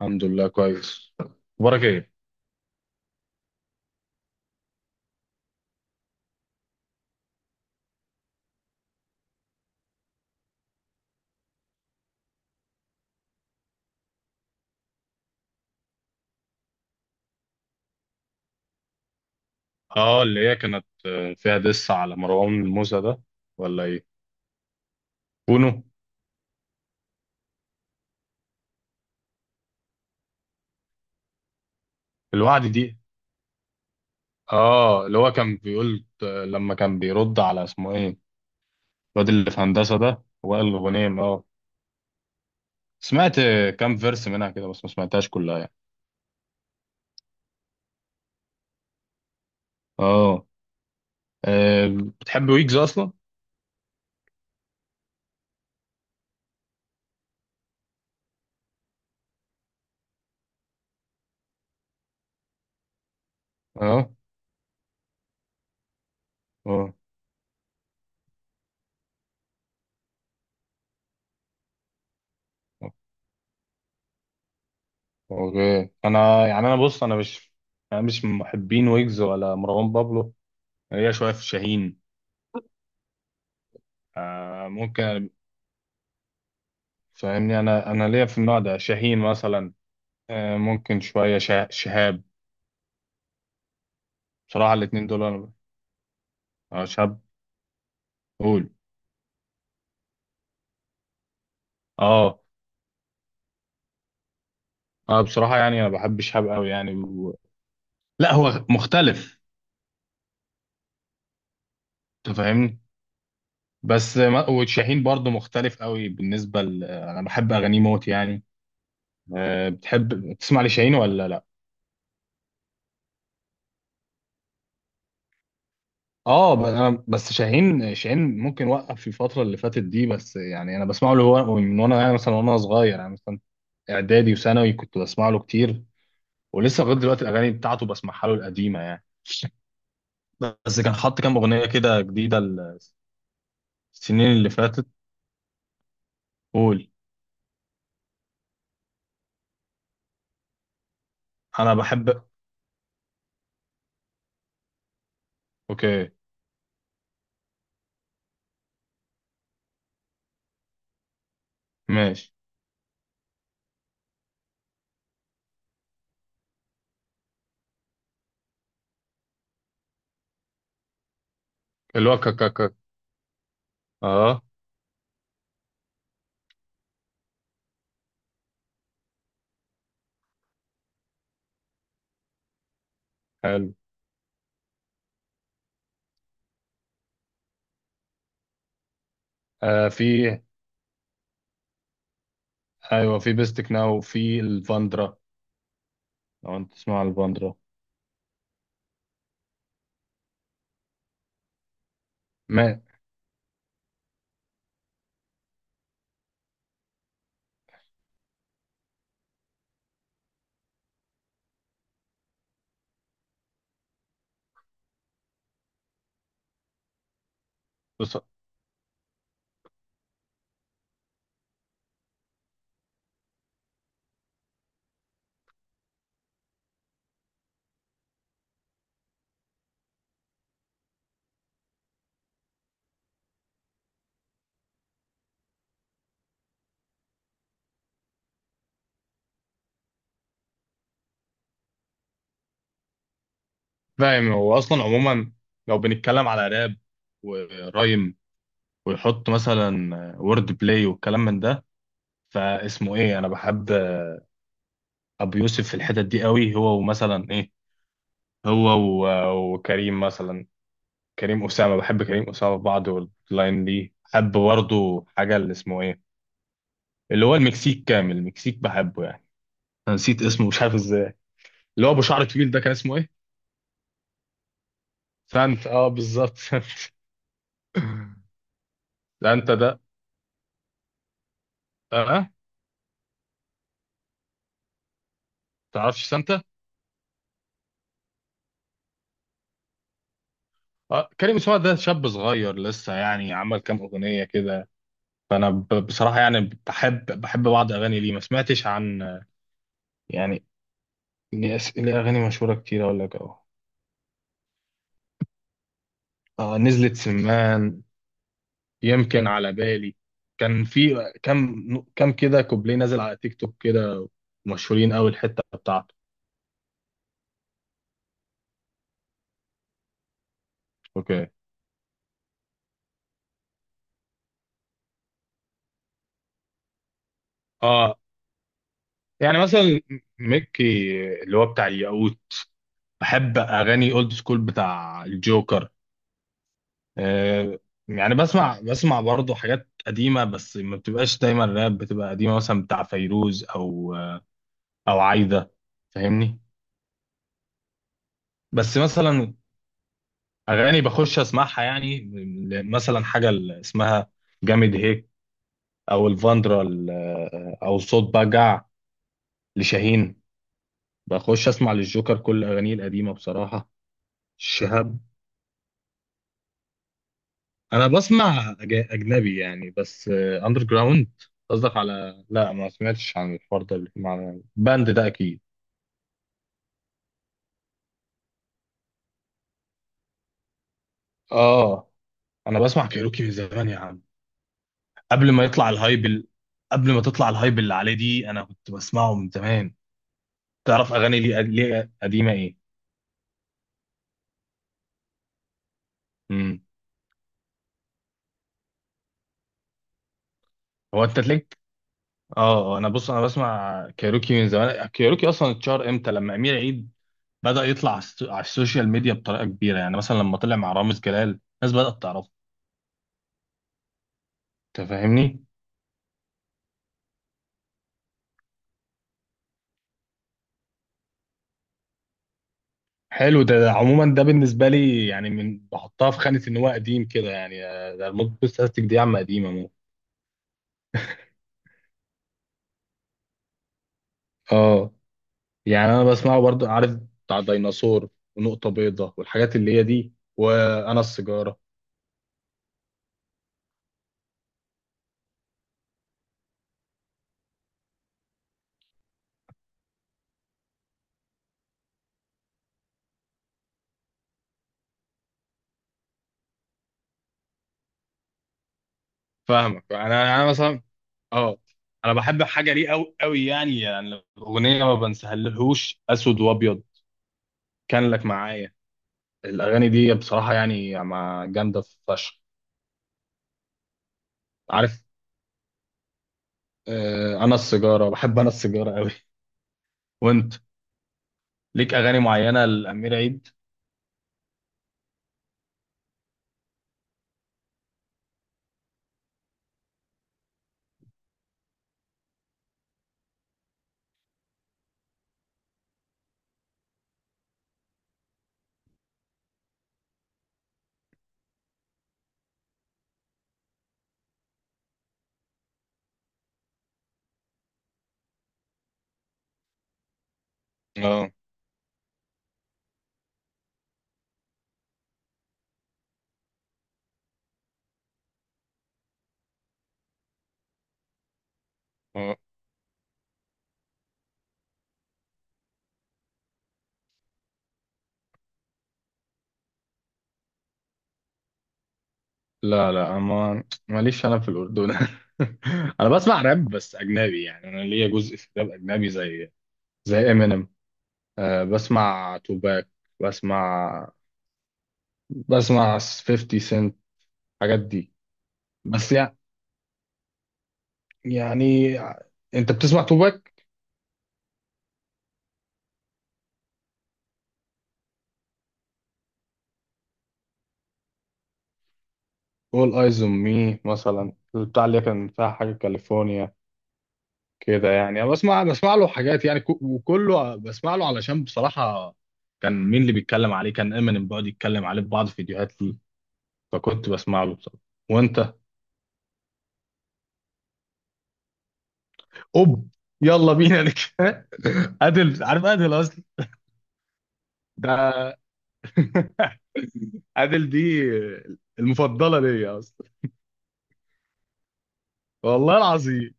الحمد لله كويس. اخبارك ايه؟ اه، اللي هي كانت فيها دس على مروان موسى ده ولا ايه؟ كونو. الوعد دي؟ اه، اللي هو كان بيقول لما كان بيرد على اسمه ايه؟ الواد اللي في هندسة ده وائل غنيم اه. سمعت كام فيرس منها كده بس ما سمعتهاش كلها يعني. اه. آه، بتحب ويجز اصلا؟ اه، اه. اوكي، انا يعني انا بص، انا مش من محبين ويجز ولا مروان بابلو. هي شويه في شاهين. ممكن. فاهمني، انا ليا في النوع ده شاهين مثلا. ممكن شويه شهاب. بصراحه الاتنين دول انا شهاب. قول. اه، اه. بصراحه يعني انا بحب شهاب قوي يعني. لا، هو مختلف. انت فاهمني. بس ما... وشاهين برضه مختلف قوي بالنسبه انا بحب اغانيه موت يعني. بتحب تسمع لشاهين ولا لا؟ اه انا بس شاهين ممكن وقف في الفتره اللي فاتت دي، بس يعني انا بسمعه له من وانا يعني مثلا وانا صغير يعني مثلا اعدادي وثانوي كنت بسمع له كتير. ولسه لغايه دلوقتي الاغاني بتاعته بسمعها له القديمه يعني. بس كان حط كام اغنيه كده جديده السنين اللي فاتت. قول. انا بحب. اوكي. ماشي. اللي هو كاكاكا. اه، حلو. في. ايوه، في بيستك ناو في الفاندرا. لو انت تسمع الفاندرا. ما. بص، فاهم هو اصلا عموما لو بنتكلم على راب ورايم ويحط مثلا وورد بلاي والكلام من ده. فاسمه ايه؟ انا بحب ابو يوسف في الحتت دي قوي، هو ومثلا ايه، هو وكريم مثلا. كريم أسامة، بحب كريم أسامة في بعض واللاين دي. بحب برضه حاجة اللي اسمه إيه، اللي هو المكسيك. كامل المكسيك بحبه يعني. أنا نسيت اسمه مش عارف إزاي. اللي هو أبو شعر طويل ده، كان اسمه إيه؟ سانتا. أه، بالظبط سانتا. سانتا ده أه. تعرفش سانتا؟ أه، كريم أسامة ده شاب صغير لسه يعني، عمل كام أغنية كده. فأنا بصراحة يعني بحب بعض أغاني ليه. ما سمعتش عن يعني ليه ليه أغاني مشهورة كتير. أقول لك أهو. آه، نزلت سمان يمكن على بالي. كان في كم كده كوبليه نازل على تيك توك كده مشهورين قوي الحته بتاعته. اوكي. اه، يعني مثلا ميكي، اللي هو بتاع الياقوت. بحب اغاني اولد سكول بتاع الجوكر. آه، يعني بسمع، بسمع برضه حاجات قديمه بس ما بتبقاش دايما راب، بتبقى قديمه مثلا بتاع فيروز او او عايده. فاهمني. بس مثلا اغاني بخش اسمعها يعني، مثلا حاجه اللي اسمها جامد هيك، او الفاندرا او صوت بجع لشاهين. بخش اسمع للجوكر كل اغانيه القديمه بصراحه. الشهاب. انا بسمع اجنبي يعني بس. اندر جراوند؟ قصدك على، لا ما سمعتش عن الحوار ده اللي مع باند ده اكيد. اه، انا بسمع كايروكي من زمان يا عم. قبل ما يطلع الهايب ال- قبل ما تطلع الهايب اللي عليه دي انا كنت بسمعه من زمان. تعرف اغاني ليه، ليه قديمه ايه. امم. هو انت تلاقيك. اه، اه، انا بص انا بسمع كايروكي من زمان. كايروكي اصلا اتشهر امتى؟ لما امير عيد بدأ يطلع على على السوشيال ميديا بطريقه كبيره، يعني مثلا لما طلع مع رامز جلال الناس بدأت تعرفه. انت فاهمني. حلو ده, عموما ده بالنسبه لي يعني من بحطها في خانه ان هو قديم كده يعني. ده الموت استاتيك دي عم قديمه مو. اه، يعني انا بسمعه برضو، عارف، بتاع ديناصور ونقطه بيضاء والحاجات اللي هي دي وانا السيجاره. فاهمك. يعني انا مثلا اه انا بحب حاجه ليه قوي قوي يعني، يعني الاغنيه ما بنسهلهوش اسود وابيض. كان لك معايا. الاغاني دي بصراحه يعني مع جامده فشخ. عارف. آه، انا السيجاره بحب، انا السيجاره قوي. وانت ليك اغاني معينه لامير عيد؟ اه، اه. لا، لا، أنا ما ماليش انا في الاردن. انا بسمع راب بس اجنبي يعني. انا ليا جزء في راب اجنبي زي، زي امينيم. أه، بسمع توباك. بسمع، بسمع 50 سنت. الحاجات دي. بس يعني, يعني انت بتسمع توباك؟ اول ايز اون مي مثلا، البتاع اللي كان فيها حاجه كاليفورنيا كده يعني. انا بسمع، بسمع له حاجات يعني وكله بسمع له علشان بصراحه كان مين اللي بيتكلم عليه؟ كان امينيم بيقعد يتكلم عليه في بعض الفيديوهات ليه، فكنت بسمع له بصراحه. وانت؟ اوب. يلا بينا نك. ادل. عارف ادل اصلا؟ ده. ادل دي المفضله ليا اصلا. والله العظيم.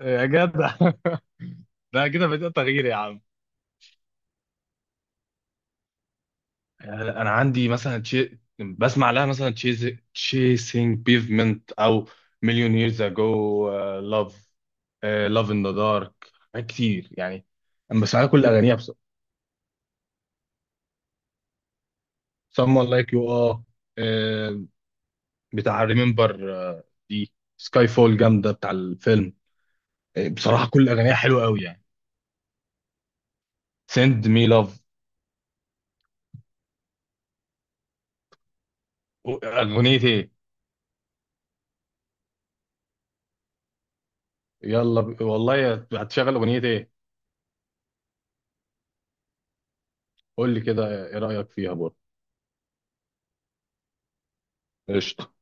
يا جدع. ده كده بدأ تغيير يا عم. آه، انا عندي مثلا بسمع لها مثلا تشيسينج بيفمنت، او مليون ييرز اجو، لاف، لاف ان ذا دارك. حاجات كتير يعني. انا بسمع لها كل اغانيها بس. Someone like you، اه. آه، بتاع ريمبر. دي سكاي فول جامده بتاع الفيلم. آه، بصراحه كل اغانيها حلوه قوي يعني. سند مي لاف. اغنيه ايه؟ يلا والله هتشغل اغنيه ايه؟ قول لي كده ايه رايك فيها برضه. قشطة.